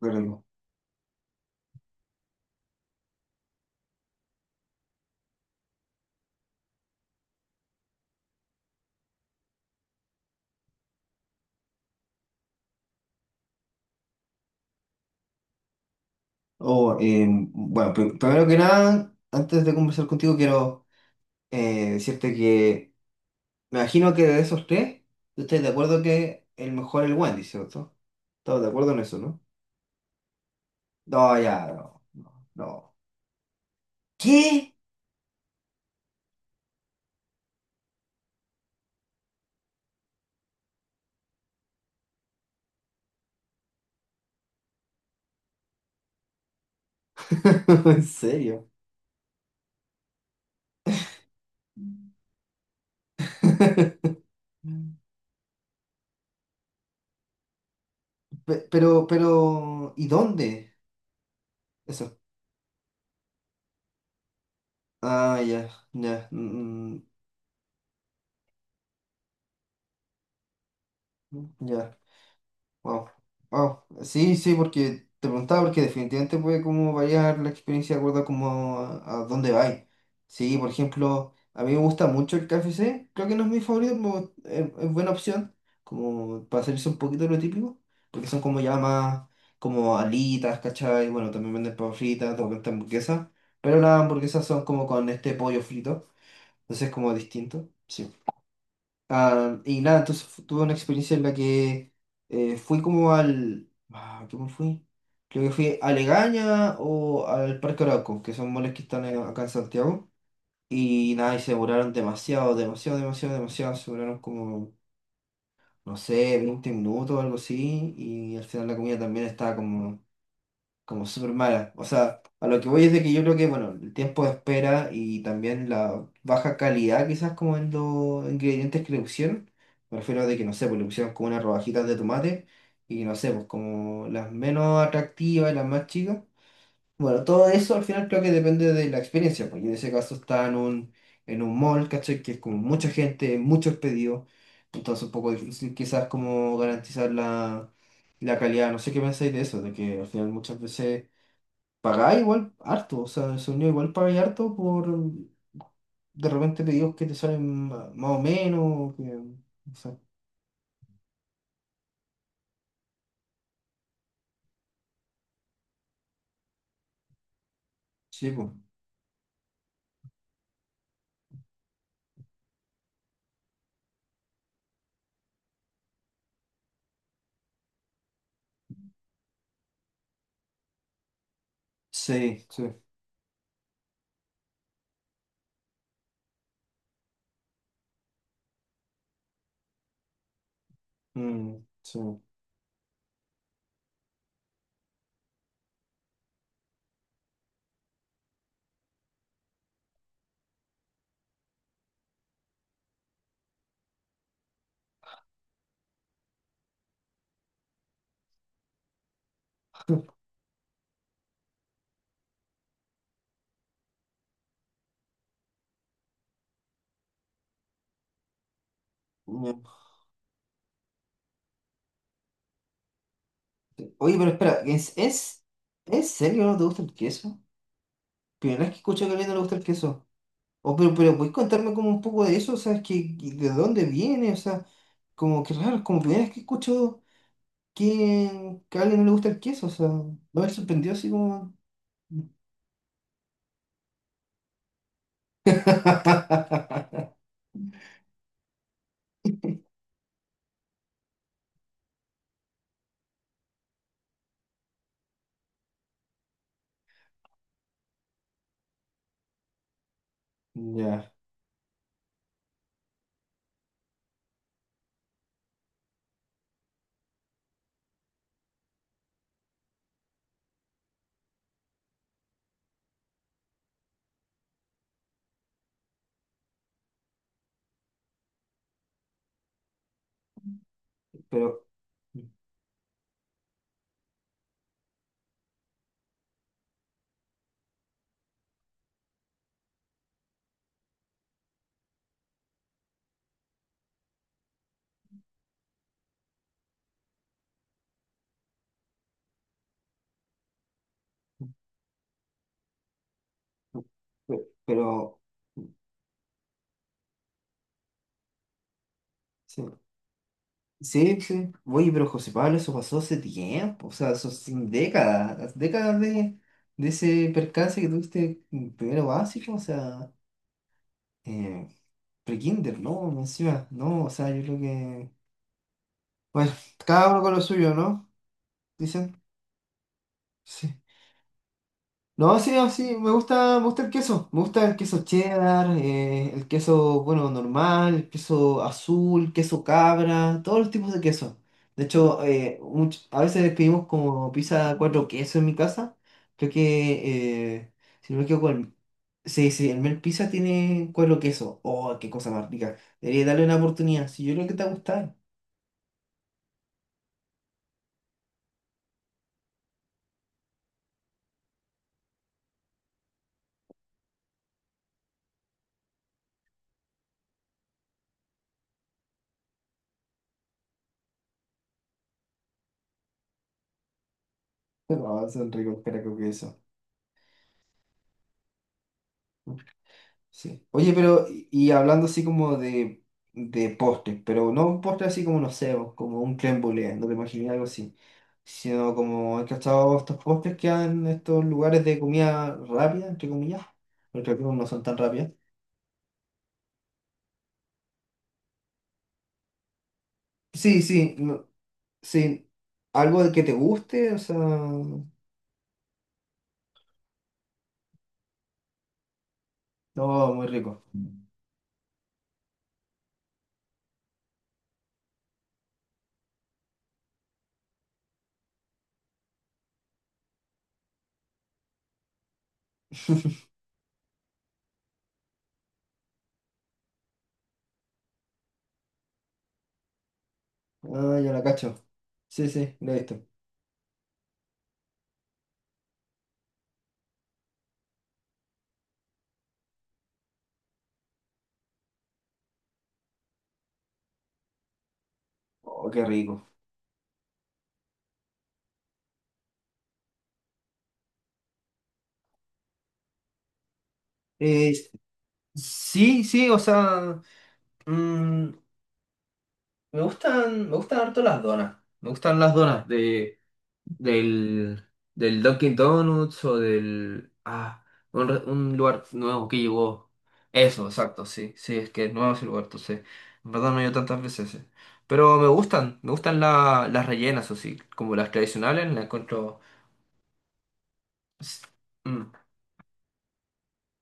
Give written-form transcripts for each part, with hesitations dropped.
Pero, oh, bueno, primero que nada, antes de conversar contigo, quiero decirte que me imagino que de esos tres, tú estás de acuerdo que el mejor es el Wendy, ¿cierto? Estamos de acuerdo en eso, ¿no? No, ya, no, no, no. ¿Qué? ¿En serio? Pero, ¿y dónde? Eso. Ah, ya, ya, mm, mm, ya. Wow, wow. Sí, sí, porque te preguntaba, porque definitivamente puede como variar la experiencia de acuerdo como a dónde vais. Sí, por ejemplo, a mí me gusta mucho el KFC, creo que no es mi favorito, pero es buena opción, como para salirse un poquito de lo típico, porque son como ya más, como alitas, ¿cachai? Bueno, también venden papas fritas, de repente hamburguesas, pero las hamburguesas son como con este pollo frito, entonces es como distinto. Sí. Ah, y nada, entonces tuve una experiencia en la que fui como al... Ah, ¿cómo fui? Creo que fui a Legaña o al Parque Arauco, que son moles que están acá en Santiago. Y nada, y se demoraron demasiado, demasiado, demasiado, demasiado. Se demoraron como, no sé, 20 minutos o algo así. Y al final la comida también estaba como súper mala. O sea, a lo que voy es de que yo creo que, bueno, el tiempo de espera y también la baja calidad quizás como en los ingredientes que le pusieron. Me refiero a de que, no sé, pues le pusieron como unas rodajitas de tomate y no sé, pues como las menos atractivas y las más chicas. Bueno, todo eso al final creo que depende de la experiencia, porque en ese caso está en en un mall, ¿cachai? Que es como mucha gente, muchos pedidos, entonces un poco difícil quizás como garantizar la calidad. No sé qué pensáis de eso, de que al final muchas veces pagáis igual harto, o sea, el sonido igual pagáis harto por de repente pedidos que te salen más o menos, o que, o sea, sí, pues, sí, sí, mm, sí. Ya. Oye, pero espera, ¿en serio no te gusta el queso? Primera vez que escucho que a alguien no le gusta el queso. O, pero, ¿puedes contarme como un poco de eso? O sea, es que ¿de dónde viene? O sea, como que raro, es como primera vez que escucho que a alguien no le gusta el queso. O sea, no me ha sorprendido así como... Ya, pero... Pero, sí, sí, sí. Oye, pero José Pablo, eso pasó hace tiempo, o sea, eso sin décadas, las décadas de ese percance que tuviste en primero básico, o sea, eh, pre-kinder, ¿no? Encima, no, o sea, yo creo que, bueno, cada uno con lo suyo, ¿no? Dicen, sí. No, sí, no, sí, me gusta el queso. Me gusta el queso cheddar, el queso, bueno, normal, el queso azul, queso cabra, todos los tipos de queso. De hecho, a veces pedimos como pizza 4 quesos en mi casa. Creo que, si no me equivoco, sí, sí, el Mel Pizza tiene cuero queso. Oh, qué cosa más rica. Debería darle una oportunidad. Si yo creo que te va a gustar. Pero, ah, son ricos, pero con queso. Sí. Oye, pero, y hablando así como de postres, pero no un postre así como, no sé, o como un crème brûlée, no te imaginé algo así, sino como, he cachado estos postres que hay en estos lugares de comida rápida, entre comillas, porque algunos no son tan rápidas. Sí, sí, no, sí, algo de que te guste, o sea, no, muy rico. Ah, ya la cacho. Sí, sí, lo he visto. Oh, qué rico. Eh, sí, sí, o sea, mm, me gustan, me gustan harto las donas. Me gustan las donas del, del Dunkin' Donuts o del... Ah, un, un lugar nuevo que llegó. Eso, exacto, sí. Sí, es que es nuevo ese lugar, entonces... En verdad no he ido tantas veces. Eh. Pero me gustan las rellenas, o sí. Como las tradicionales, las encuentro... Mm.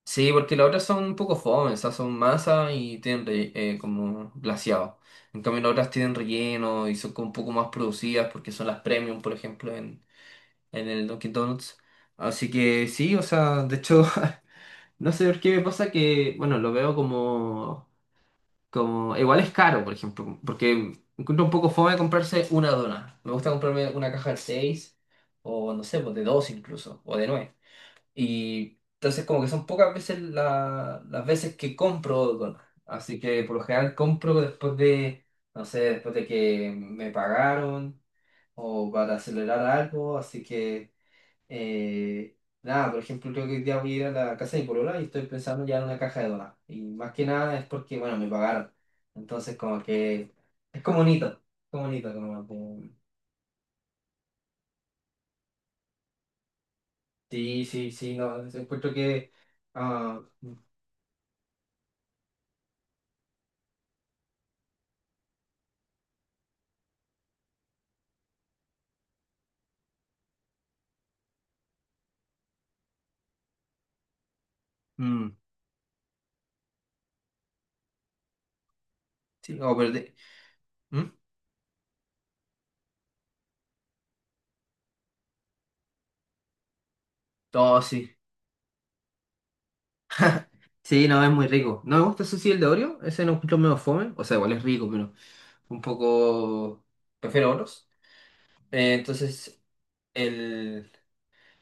Sí, porque las otras son un poco fome, o sea, son masa y tienen como glaseado. En cambio, las otras tienen relleno y son como un poco más producidas porque son las premium, por ejemplo, en el Dunkin' Donuts. Así que sí, o sea, de hecho, no sé por qué me pasa que, bueno, lo veo como, como, igual es caro, por ejemplo, porque encuentro un poco fome comprarse una dona. Me gusta comprarme una caja de 6 o, no sé, pues, de 2 incluso, o de 9. Y entonces como que son pocas veces las veces que compro donas. Así que por lo general compro después de, no sé, después de que me pagaron o para acelerar algo. Así que, nada, por ejemplo, creo que hoy día voy a ir a la casa de mi polola y estoy pensando ya en una caja de donas. Y más que nada es porque, bueno, me pagaron. Entonces como que es como bonito, como bonito, como... como... Sí, sí, sí, no, encuentro que... ah, mm, sí, no, pero de... ¿Mm? Oh, sí. Sí, no, es muy rico. No me gusta ese sí, el de Oreo. Ese no encuentro medio fome. O sea, igual es rico, pero un poco... Prefiero otros. Entonces, el...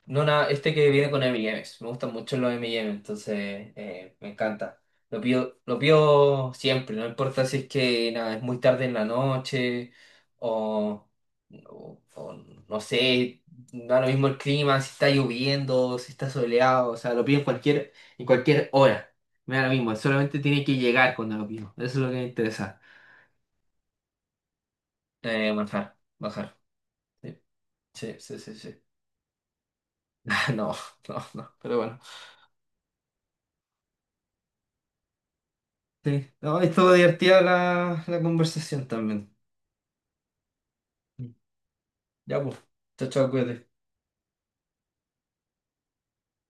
No, nada, este que viene con M&M's. Me gustan mucho los M&M's, entonces me encanta. Lo pido siempre, no importa si es que nada, es muy tarde en la noche o, o no sé, da lo mismo el clima, si está lloviendo, si está soleado, o sea, lo pido en cualquier hora. Me da lo mismo, solamente tiene que llegar cuando lo pido. Eso es lo que me interesa. Bajar, bajar. Sí, sí, sí, sí. Sí. No, no, no, pero bueno. Sí. No, estuvo divertida la, la conversación también. Ya, pues. Chao, chao, cuídate.